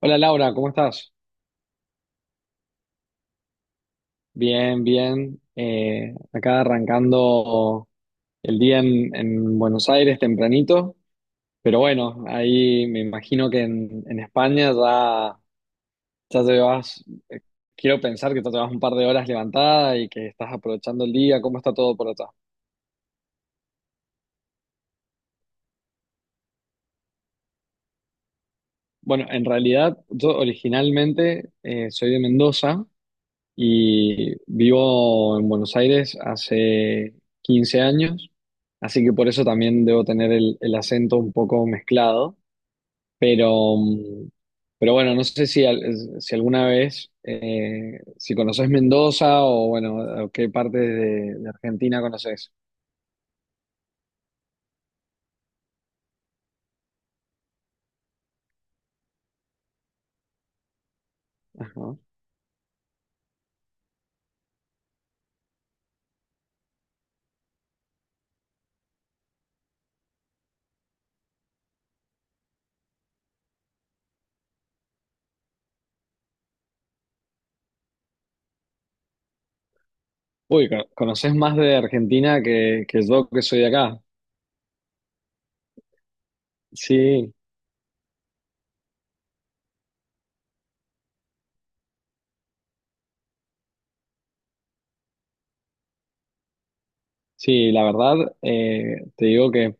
Hola Laura, ¿cómo estás? Bien, bien. Acá arrancando el día en Buenos Aires tempranito, pero bueno, ahí me imagino que en España ya te vas. eh, Quiero pensar que ya te vas un par de horas levantada y que estás aprovechando el día. ¿Cómo está todo por allá? Bueno, en realidad yo originalmente soy de Mendoza y vivo en Buenos Aires hace 15 años, así que por eso también debo tener el acento un poco mezclado, pero, mm, pero bueno, no sé si alguna vez, si conoces Mendoza o bueno, o qué parte de Argentina conoces. Ajá. Uy, conoces más de Argentina que yo, que soy de acá. Sí, sí, la verdad, te digo que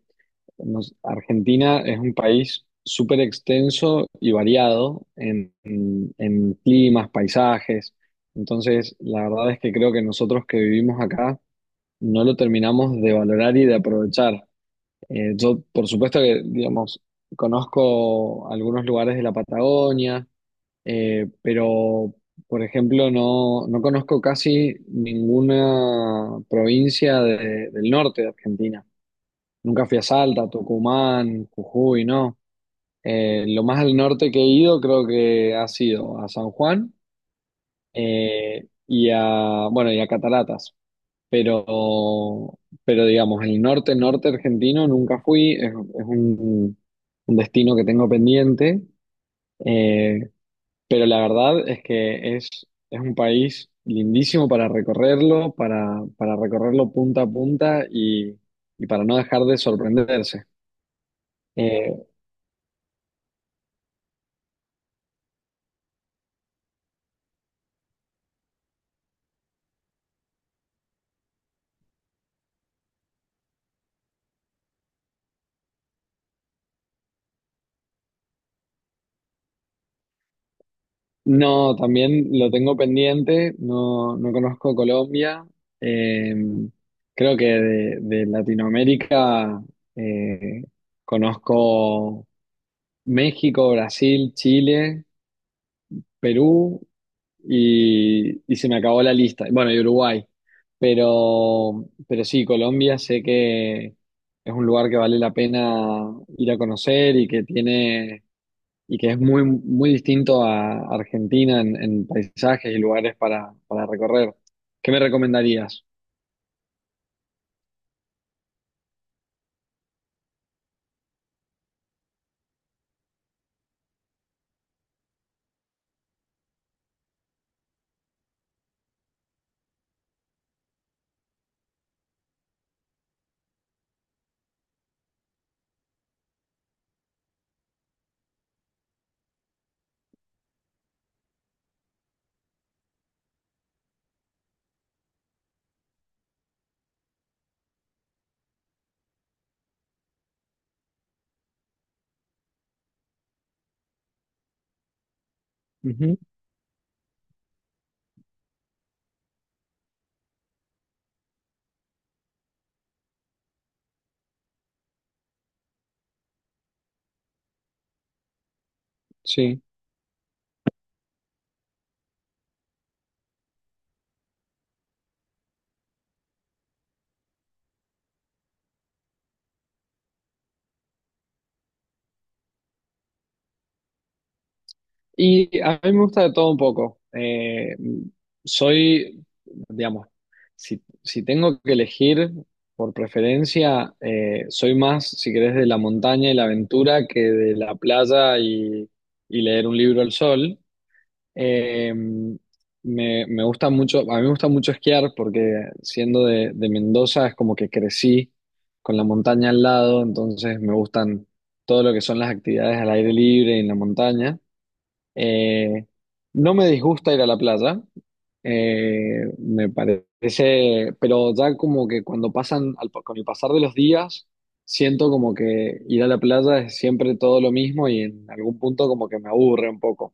Argentina es un país súper extenso y variado en, en climas, paisajes. Entonces, la verdad es que creo que nosotros que vivimos acá no lo terminamos de valorar y de aprovechar. Yo, por supuesto que, digamos, conozco algunos lugares de la Patagonia, pero, por ejemplo, no conozco casi ninguna provincia del norte de Argentina. Nunca fui a Salta, Tucumán, Jujuy, no. Lo más al norte que he ido creo que ha sido a San Juan y a, bueno, y a Cataratas. Pero, pero digamos, el norte, norte argentino nunca fui. Es un, un destino que tengo pendiente. eh, pero la verdad es que es un país lindísimo para recorrerlo, para recorrerlo punta a punta y para no dejar de sorprenderse. Eh, No, también lo tengo pendiente, no conozco Colombia. Eh, creo que de Latinoamérica eh, conozco México, Brasil, Chile, Perú y se me acabó la lista. Bueno, y Uruguay. Pero sí, Colombia sé que es un lugar que vale la pena ir a conocer y que es muy, muy distinto a Argentina en paisajes y lugares para recorrer. ¿Qué me recomendarías? Ujú, sí. Y a mí me gusta de todo un poco. Soy, digamos, si tengo que elegir por preferencia, soy más, si querés, de la montaña y la aventura que de la playa y leer un libro al sol. Eh, me gusta mucho, a mí me gusta mucho esquiar, porque siendo de Mendoza es como que crecí con la montaña al lado, entonces me gustan todo lo que son las actividades al aire libre y en la montaña. Eh, no me disgusta ir a la playa, me parece, pero ya como que cuando pasan, con el pasar de los días, siento como que ir a la playa es siempre todo lo mismo y en algún punto como que me aburre un poco.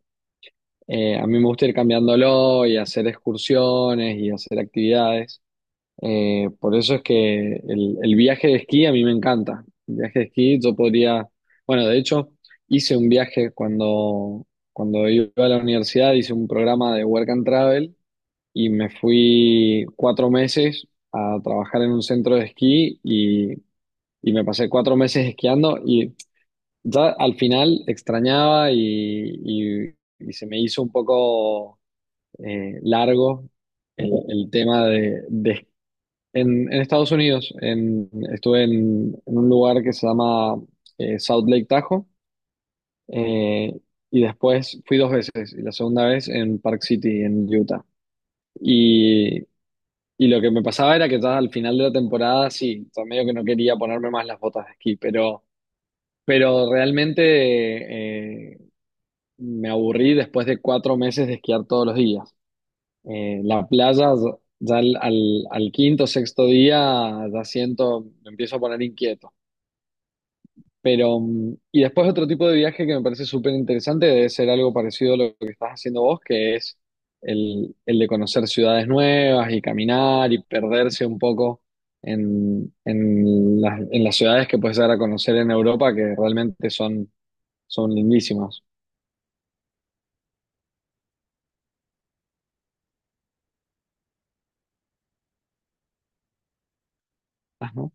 A mí me gusta ir cambiándolo y hacer excursiones y hacer actividades. Por eso es que el viaje de esquí a mí me encanta. El viaje de esquí yo podría, bueno, de hecho, hice un viaje cuando iba a la universidad, hice un programa de Work and Travel y me fui 4 meses a trabajar en un centro de esquí, y me pasé 4 meses esquiando, y ya al final extrañaba y se me hizo un poco largo el tema de en Estados Unidos. Estuve en un lugar que se llama South Lake Tahoe, eh, y después fui 2 veces, y la segunda vez en Park City, en Utah. Y, y lo que me pasaba era que ya al final de la temporada, sí, o sea, medio que no quería ponerme más las botas de esquí, pero realmente me aburrí después de 4 meses de esquiar todos los días. La playa, ya al quinto, sexto día, ya siento, me empiezo a poner inquieto. Pero, y después otro tipo de viaje que me parece súper interesante, debe ser algo parecido a lo que estás haciendo vos, que es el de conocer ciudades nuevas y caminar y perderse un poco en, en las ciudades que puedes llegar a conocer en Europa, que realmente son lindísimas. Ajá.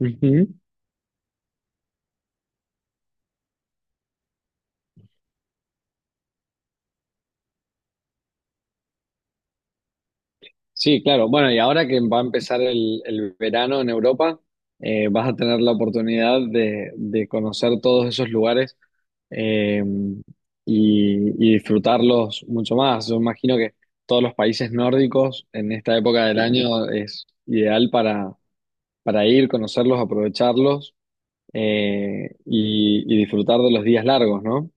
Ujú. Sí, claro. Bueno, y ahora que va a empezar el verano en Europa, vas a tener la oportunidad de conocer todos esos lugares, eh, y disfrutarlos mucho más. Yo imagino que todos los países nórdicos en esta época del año es ideal para ir, conocerlos, aprovecharlos, y disfrutar de los días largos, ¿no?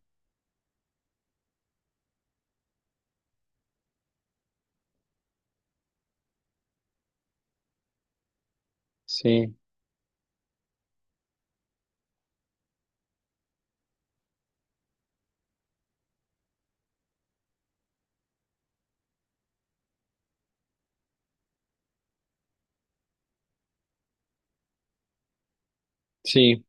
Sí, sí.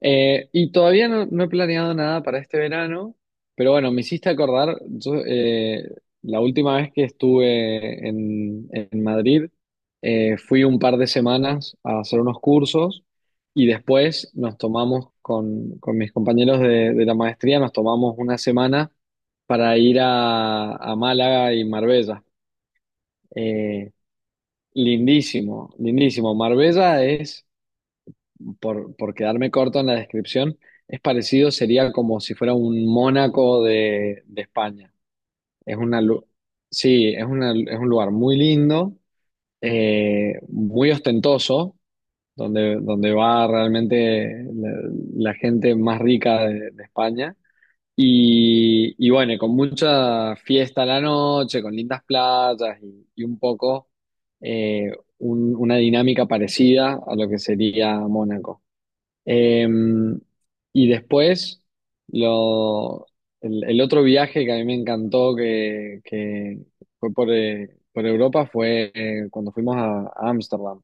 Y todavía no he planeado nada para este verano, pero bueno, me hiciste acordar. Yo, la última vez que estuve en Madrid, fui un par de semanas a hacer unos cursos, y después nos tomamos con mis compañeros de la maestría, nos tomamos una semana para ir a Málaga y Marbella. Eh, lindísimo, lindísimo. Marbella es, por quedarme corto en la descripción, es parecido, sería como si fuera un Mónaco de España. Es una, lu- sí, es un lugar muy lindo, muy ostentoso, donde va realmente la gente más rica de España. Y bueno, y, con mucha fiesta a la noche, con lindas playas y un poco eh, una dinámica parecida a lo que sería Mónaco. Eh, y después, lo, el otro viaje que a mí me encantó, que fue por Europa, fue cuando fuimos a Ámsterdam.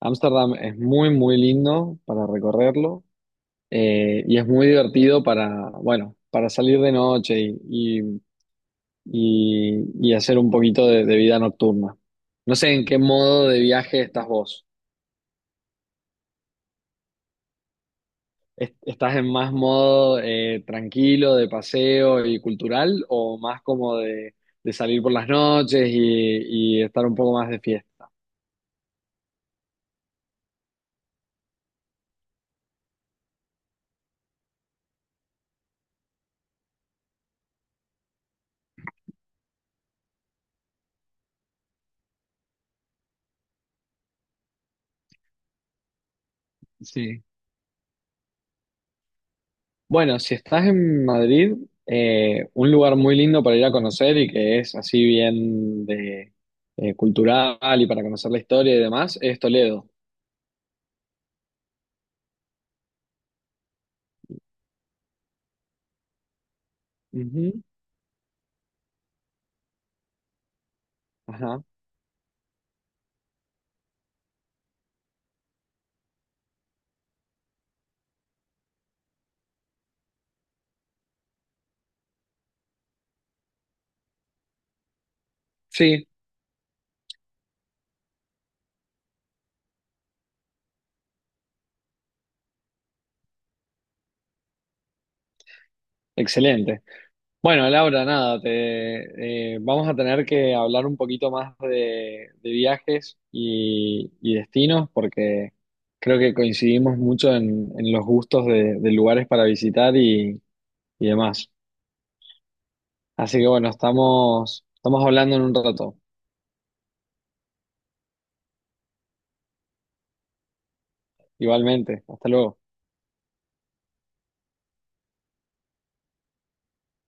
Ámsterdam es muy, muy lindo para recorrerlo, y es muy divertido para, bueno, para salir de noche y hacer un poquito de vida nocturna. No sé en qué modo de viaje estás vos. ¿Estás en más modo tranquilo, de paseo y cultural, o más como de salir por las noches y estar un poco más de fiesta? Sí. Bueno, si estás en Madrid, un lugar muy lindo para ir a conocer y que es así bien cultural y para conocer la historia y demás, es Toledo. Ujú. Ajá. Sí, excelente. Bueno, Laura, nada, vamos a tener que hablar un poquito más de viajes y destinos, porque creo que coincidimos mucho en los gustos de lugares para visitar y demás. Así que bueno, estamos hablando en un rato. Igualmente, hasta luego.